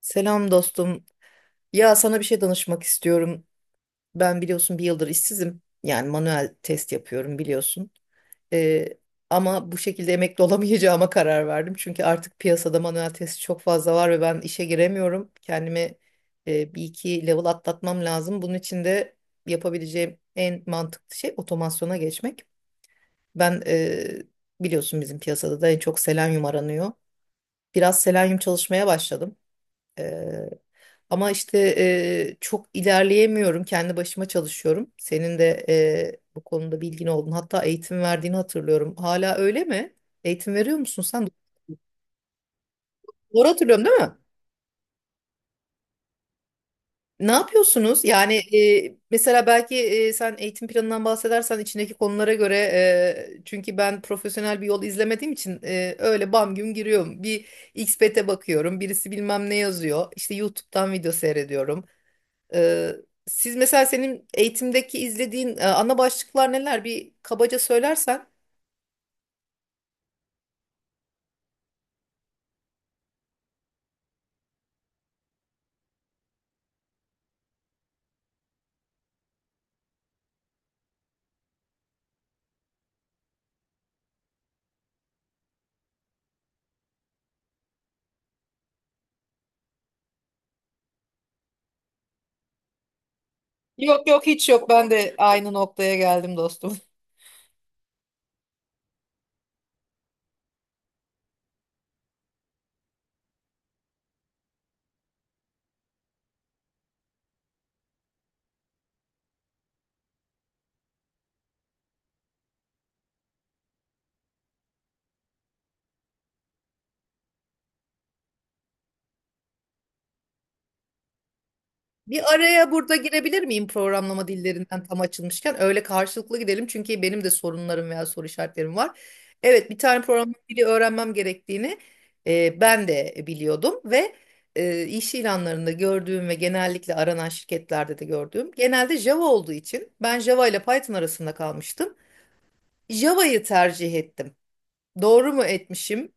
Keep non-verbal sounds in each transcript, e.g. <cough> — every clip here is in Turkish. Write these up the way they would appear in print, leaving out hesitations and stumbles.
Selam dostum. Ya sana bir şey danışmak istiyorum. Ben biliyorsun bir yıldır işsizim. Yani manuel test yapıyorum biliyorsun. Ee, ama bu şekilde emekli <laughs> olamayacağıma karar verdim. Çünkü artık piyasada manuel test çok fazla var ve ben işe giremiyorum. Kendimi bir iki level atlatmam lazım. Bunun için de yapabileceğim en mantıklı şey otomasyona geçmek. Ben biliyorsun bizim piyasada da en çok selenyum aranıyor. Biraz selenyum çalışmaya başladım. Ama işte çok ilerleyemiyorum. Kendi başıma çalışıyorum. Senin de bu konuda bilgin oldun. Hatta eğitim verdiğini hatırlıyorum. Hala öyle mi? Eğitim veriyor musun sen? Doğru hatırlıyorum değil mi? Ne yapıyorsunuz? Yani mesela belki sen eğitim planından bahsedersen içindeki konulara göre çünkü ben profesyonel bir yol izlemediğim için öyle bam güm giriyorum. Bir XPT'e bakıyorum. Birisi bilmem ne yazıyor. İşte YouTube'dan video seyrediyorum. Ee, siz mesela senin eğitimdeki izlediğin ana başlıklar neler? Bir kabaca söylersen. Yok yok hiç yok. Ben de aynı noktaya geldim dostum. <laughs> Bir araya burada girebilir miyim programlama dillerinden tam açılmışken? Öyle karşılıklı gidelim çünkü benim de sorunlarım veya soru işaretlerim var. Evet bir tane programlama dili öğrenmem gerektiğini ben de biliyordum ve iş ilanlarında gördüğüm ve genellikle aranan şirketlerde de gördüğüm genelde Java olduğu için ben Java ile Python arasında kalmıştım. Java'yı tercih ettim. Doğru mu etmişim?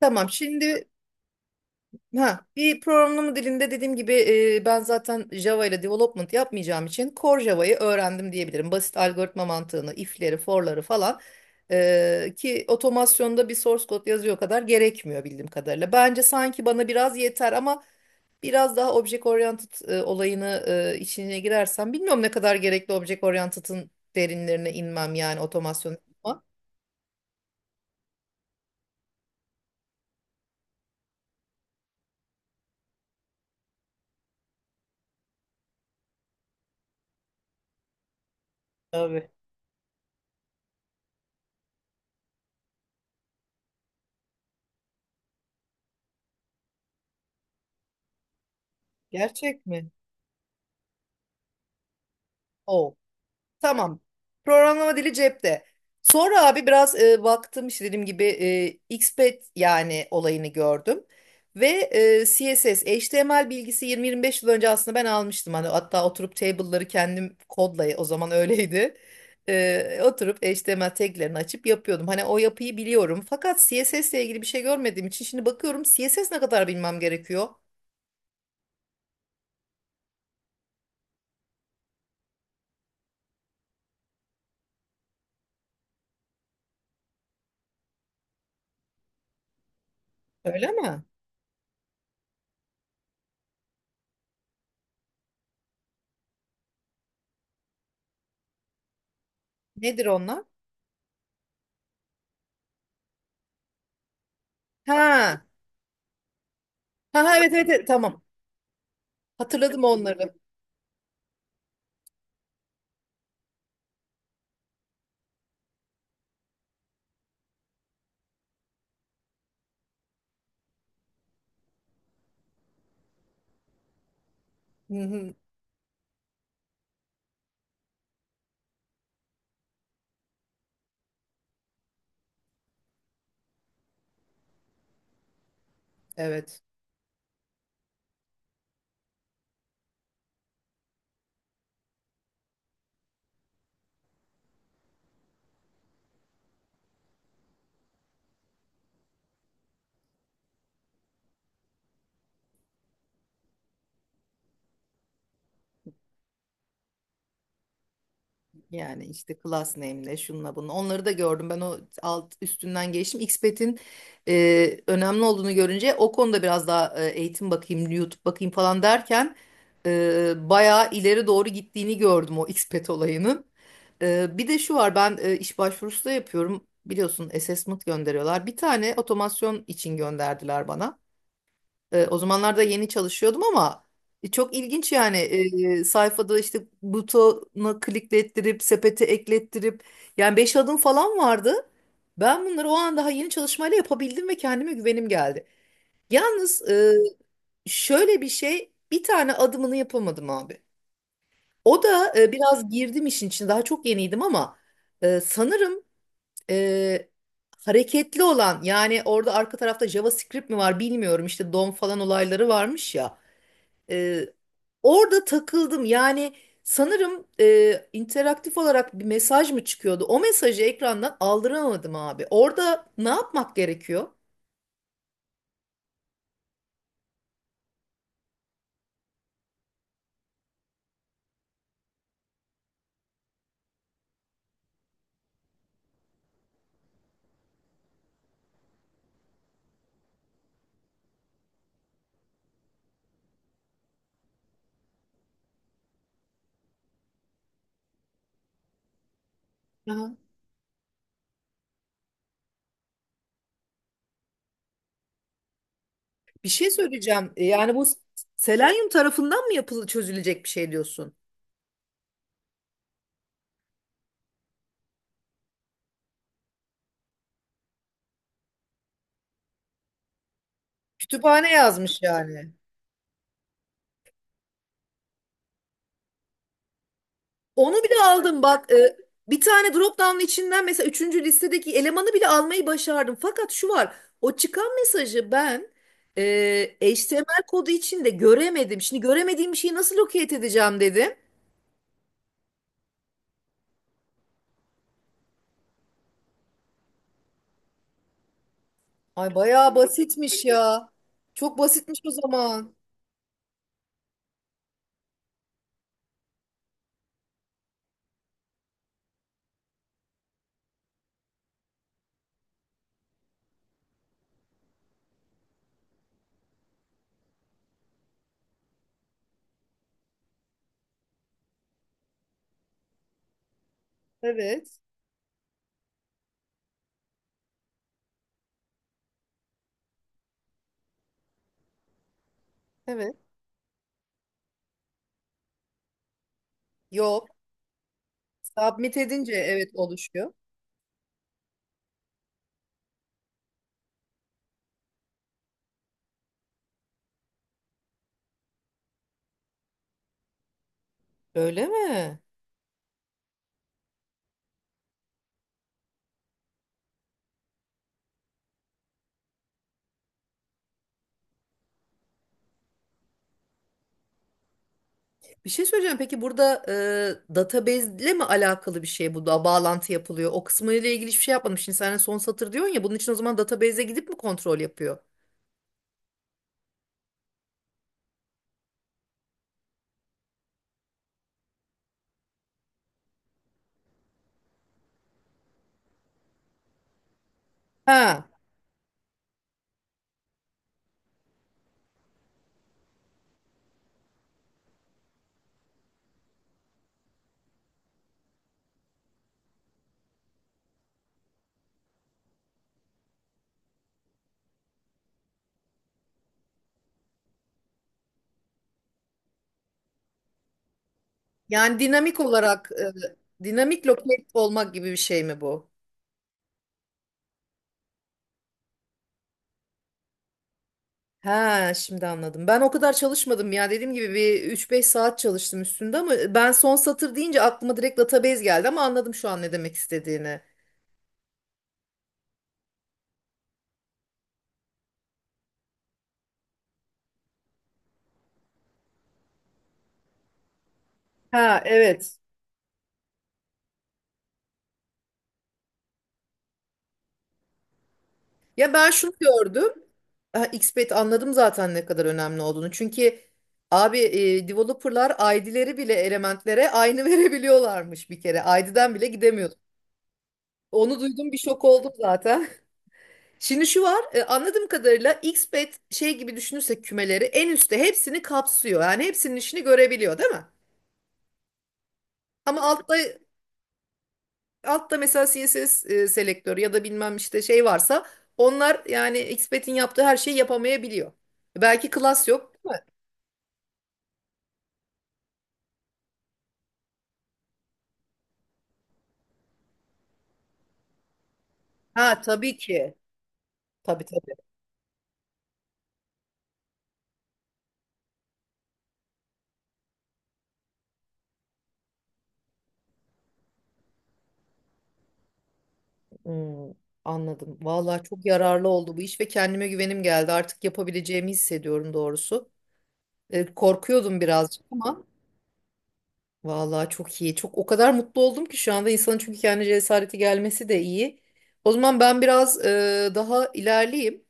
Tamam şimdi ha, bir programlama dilinde dediğim gibi ben zaten Java ile development yapmayacağım için Core Java'yı öğrendim diyebilirim. Basit algoritma mantığını, if'leri, for'ları falan ki otomasyonda bir source code yazıyor kadar gerekmiyor bildiğim kadarıyla. Bence sanki bana biraz yeter ama biraz daha object oriented olayını içine girersem bilmiyorum ne kadar gerekli object oriented'ın derinlerine inmem yani otomasyon ama tabii. Gerçek mi? Oo. Tamam. Programlama dili cepte. Sonra abi biraz baktım işte dediğim gibi XPath yani olayını gördüm. Ve CSS, HTML bilgisi 20-25 yıl önce aslında ben almıştım. Hani hatta oturup table'ları kendim kodla o zaman öyleydi. Oturup HTML taglerini açıp yapıyordum. Hani o yapıyı biliyorum. Fakat CSS ile ilgili bir şey görmediğim için şimdi bakıyorum CSS ne kadar bilmem gerekiyor. Öyle mi? Nedir onlar? Ha. Ha ha, evet evet, evet tamam. Hatırladım onları. Hı hı. Evet yani işte class name'le şunla bunu onları da gördüm ben o alt üstünden geçtim Xpet'in önemli olduğunu görünce o konuda biraz daha eğitim bakayım YouTube bakayım falan derken bayağı ileri doğru gittiğini gördüm o Xpet olayının. Bir de şu var ben iş başvurusu da yapıyorum biliyorsun assessment gönderiyorlar bir tane otomasyon için gönderdiler bana. O zamanlarda yeni çalışıyordum ama çok ilginç yani. Sayfada işte butona kliklettirip sepete eklettirip yani 5 adım falan vardı. Ben bunları o an daha yeni çalışmayla yapabildim ve kendime güvenim geldi. Yalnız şöyle bir şey bir tane adımını yapamadım abi. O da biraz girdim işin içine daha çok yeniydim ama sanırım e, hareketli olan yani orada arka tarafta JavaScript mi var bilmiyorum işte DOM falan olayları varmış ya. Ee, orada takıldım. Yani sanırım interaktif olarak bir mesaj mı çıkıyordu? O mesajı ekrandan aldıramadım abi. Orada ne yapmak gerekiyor? Aha. Bir şey söyleyeceğim. Yani bu selenyum tarafından mı yapılı çözülecek bir şey diyorsun? Kütüphane yazmış yani. Onu bile aldım bak. Bir tane drop down içinden mesela üçüncü listedeki elemanı bile almayı başardım. Fakat şu var. O çıkan mesajı ben HTML kodu içinde göremedim. Şimdi göremediğim bir şeyi nasıl locate edeceğim dedim. Ay bayağı basitmiş ya. Çok basitmiş o zaman. Evet. Evet. Yok. Submit edince evet oluşuyor. Öyle mi? Bir şey söyleyeceğim. Peki burada database ile mi alakalı bir şey bu da bağlantı yapılıyor? O kısmıyla ilgili hiçbir şey yapmamış. Şimdi sen son satır diyorsun ya bunun için o zaman database'e gidip mi kontrol yapıyor? Ha. Yani dinamik olarak dinamik locate olmak gibi bir şey mi bu? Ha, şimdi anladım. Ben o kadar çalışmadım ya. Dediğim gibi bir üç beş saat çalıştım üstünde ama ben son satır deyince aklıma direkt database geldi ama anladım şu an ne demek istediğini. Ha, evet. Ya ben şunu gördüm. Ha, XBET anladım zaten ne kadar önemli olduğunu. Çünkü abi developerlar ID'leri bile elementlere aynı <laughs> verebiliyorlarmış bir kere. ID'den bile gidemiyordu. Onu duydum bir şok oldum zaten. <laughs> Şimdi şu var anladığım kadarıyla XBET şey gibi düşünürsek kümeleri en üstte hepsini kapsıyor. Yani hepsinin işini görebiliyor değil mi? Ama altta mesela CSS selektörü ya da bilmem işte şey varsa onlar yani XBET'in yaptığı her şeyi yapamayabiliyor. Belki class yok. Ha tabii ki. Tabii tabii. Hmm, anladım. Vallahi çok yararlı oldu bu iş ve kendime güvenim geldi. Artık yapabileceğimi hissediyorum doğrusu. Korkuyordum birazcık ama vallahi çok iyi. Çok o kadar mutlu oldum ki şu anda insanın çünkü kendi cesareti gelmesi de iyi. O zaman ben biraz daha ilerleyeyim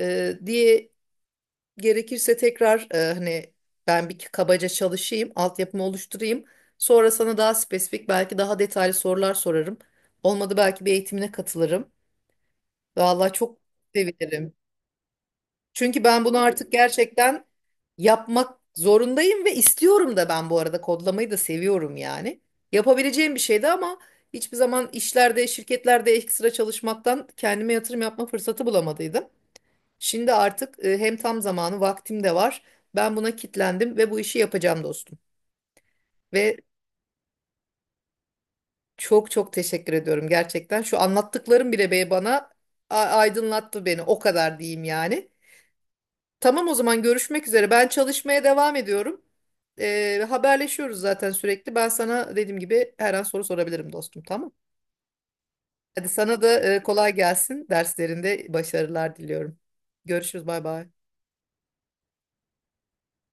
Diye gerekirse tekrar hani ben bir kabaca çalışayım, altyapımı oluşturayım. Sonra sana daha spesifik belki daha detaylı sorular sorarım. Olmadı belki bir eğitimine katılırım. Vallahi çok sevinirim. Çünkü ben bunu artık gerçekten yapmak zorundayım ve istiyorum da ben bu arada kodlamayı da seviyorum yani. Yapabileceğim bir şeydi ama hiçbir zaman işlerde, şirketlerde ekstra çalışmaktan kendime yatırım yapma fırsatı bulamadıydım. Şimdi artık hem tam zamanı, vaktim de var. Ben buna kitlendim ve bu işi yapacağım dostum. Ve çok çok teşekkür ediyorum gerçekten. Şu anlattıklarım bile bana aydınlattı beni. O kadar diyeyim yani. Tamam o zaman görüşmek üzere. Ben çalışmaya devam ediyorum. Haberleşiyoruz zaten sürekli. Ben sana dediğim gibi her an soru sorabilirim dostum, tamam? Hadi sana da kolay gelsin. Derslerinde başarılar diliyorum. Görüşürüz, bay bay.